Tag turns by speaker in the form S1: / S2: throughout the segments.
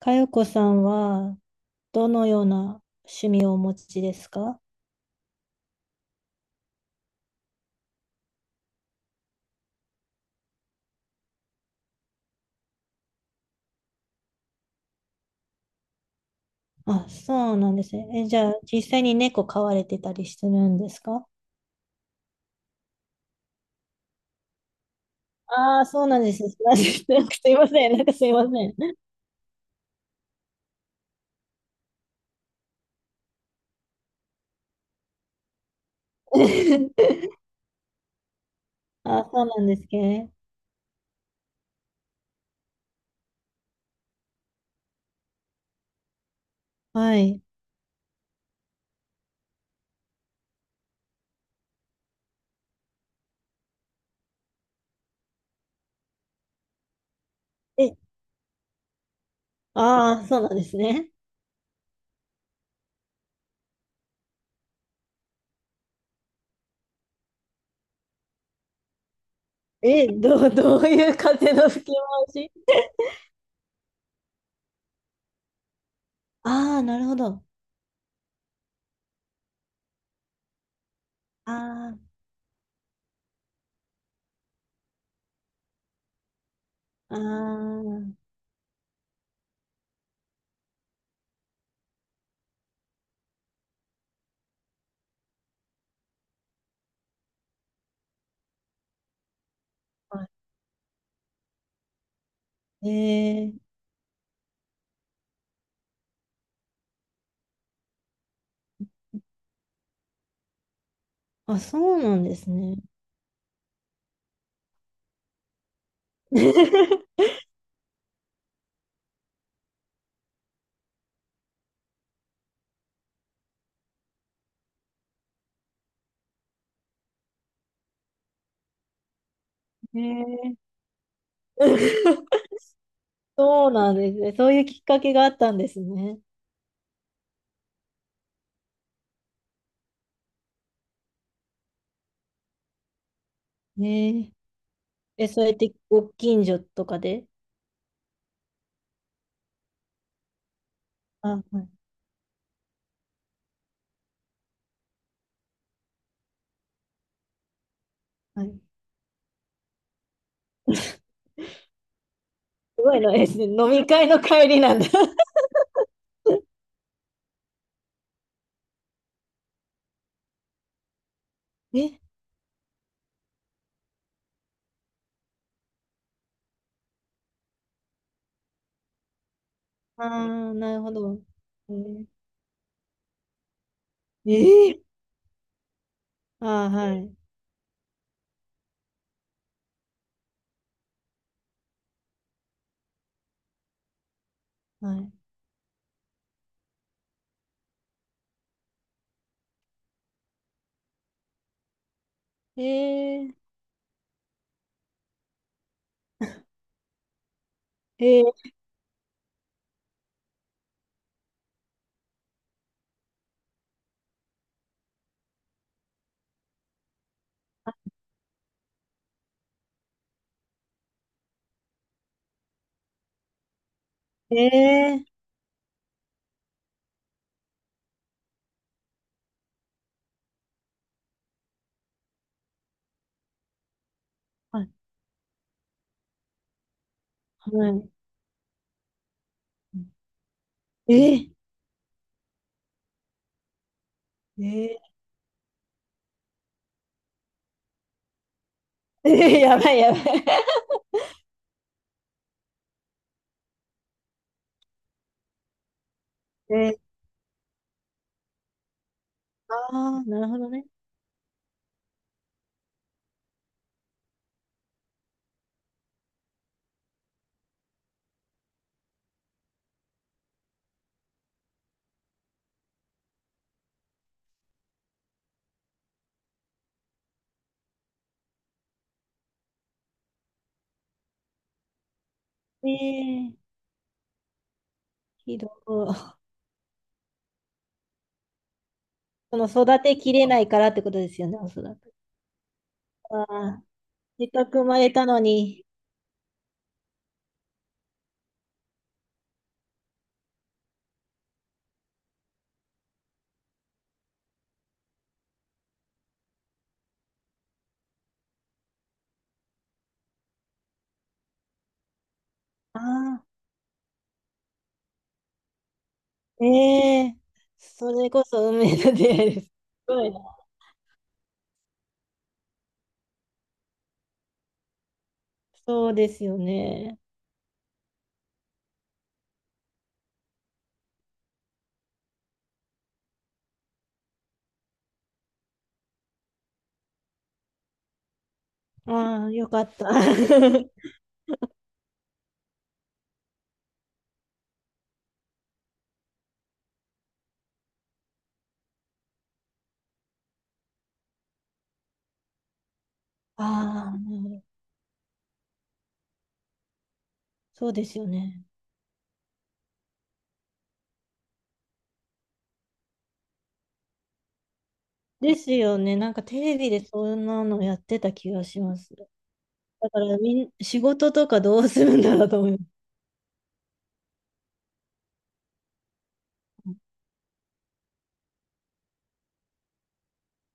S1: かよこさんは、どのような趣味をお持ちですか？あ、そうなんですね。じゃあ、実際に猫飼われてたりするんですか？ああー、そうなんです。なんかすいません。なんかすいません。あ、そうなんですね。はい。え、ああ、そうなんですね。え、どういう風の吹き回し？ああー、なるほど。ああ、ああ、はい。えー、あ、そうなんですね。えー。 そうなんですね。そういうきっかけがあったんですね。ねえ。え、そうやってご近所とかで。あ、はい、はい。すごいな、え、飲み会の帰りなんだ。え、ああ、なるほど。えー、えー、ああ、はい、はい。えー、えー、えー、はい、はい。ええー、えー、えー、やばいやばい。えー、ああ、なるほどね。ええー、ひどい。その育てきれないからってことですよね、おそらく。あ、せっかく生まれたのに。ああ、ええ、それこそ運命の出会いです。すごいな。そうですよね。ああ、よかった。ああ、なるほど。そうですよね。ですよね。なんかテレビでそんなのやってた気がします。だからみん、仕事とかどうするんだろうと思う。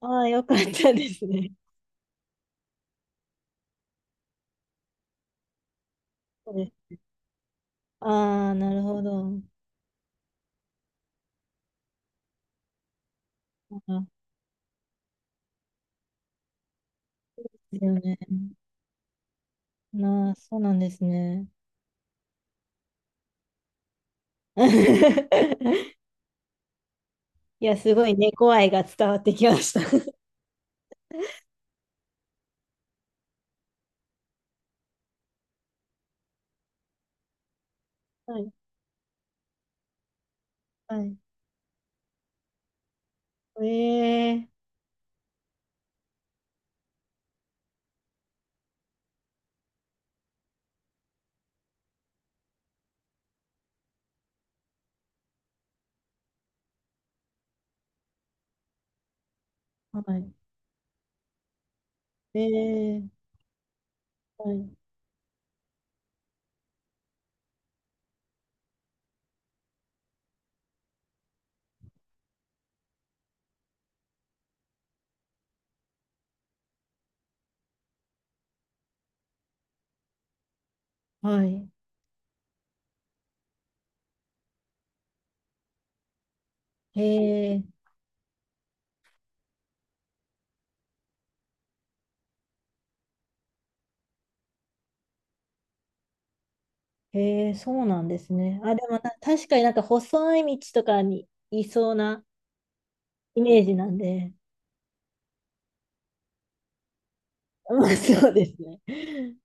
S1: ああ、よかったですね。そうです。ああ、なるほど。ああ、ですよね。なあ、そうなんですね。いや、すごい猫愛が伝わってきました。はい、はい。ええ。はい。えー。はい。はい。へえ、へえ、そうなんですね。あ、でもな、確かになんか細い道とかにいそうなイメージなんで。まあ、そうですね。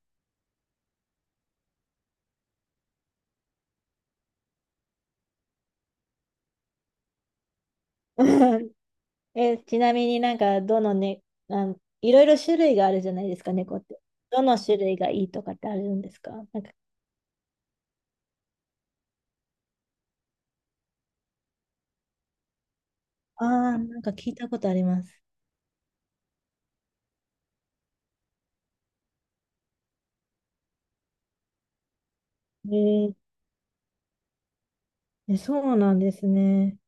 S1: うん。え、ちなみになんか、どのね、いろいろ種類があるじゃないですか、猫って。どの種類がいいとかってあるんですか、なんか。ああ、なんか聞いたことあります。へえ。え、そうなんですね。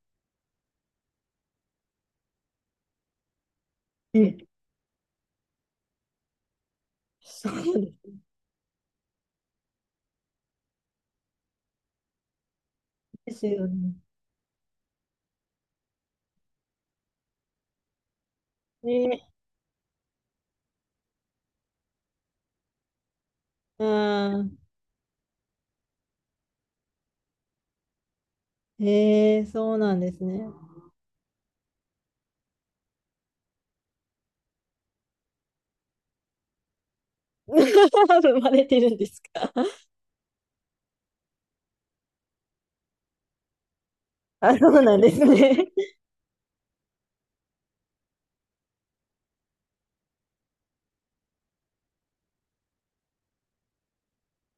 S1: ええ、そうですよね。ね、あー、えー、そうなんですね。生まれてるんですか？ あ、そうなんですね。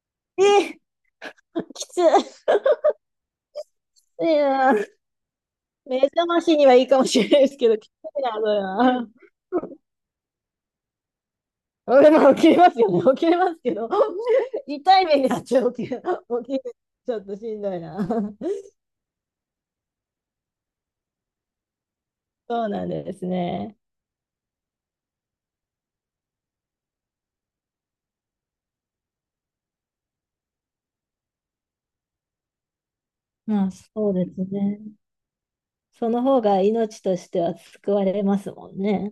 S1: えー、きついな。目覚ましにはいいかもしれないですけど、きついな、それは。俺も起きれますよね。起きれますけど、痛い目にあっちゃう。起きる、起きる。ちょっとしんどいな。そうなんですね。まあ、そうですね。その方が命としては救われますもんね。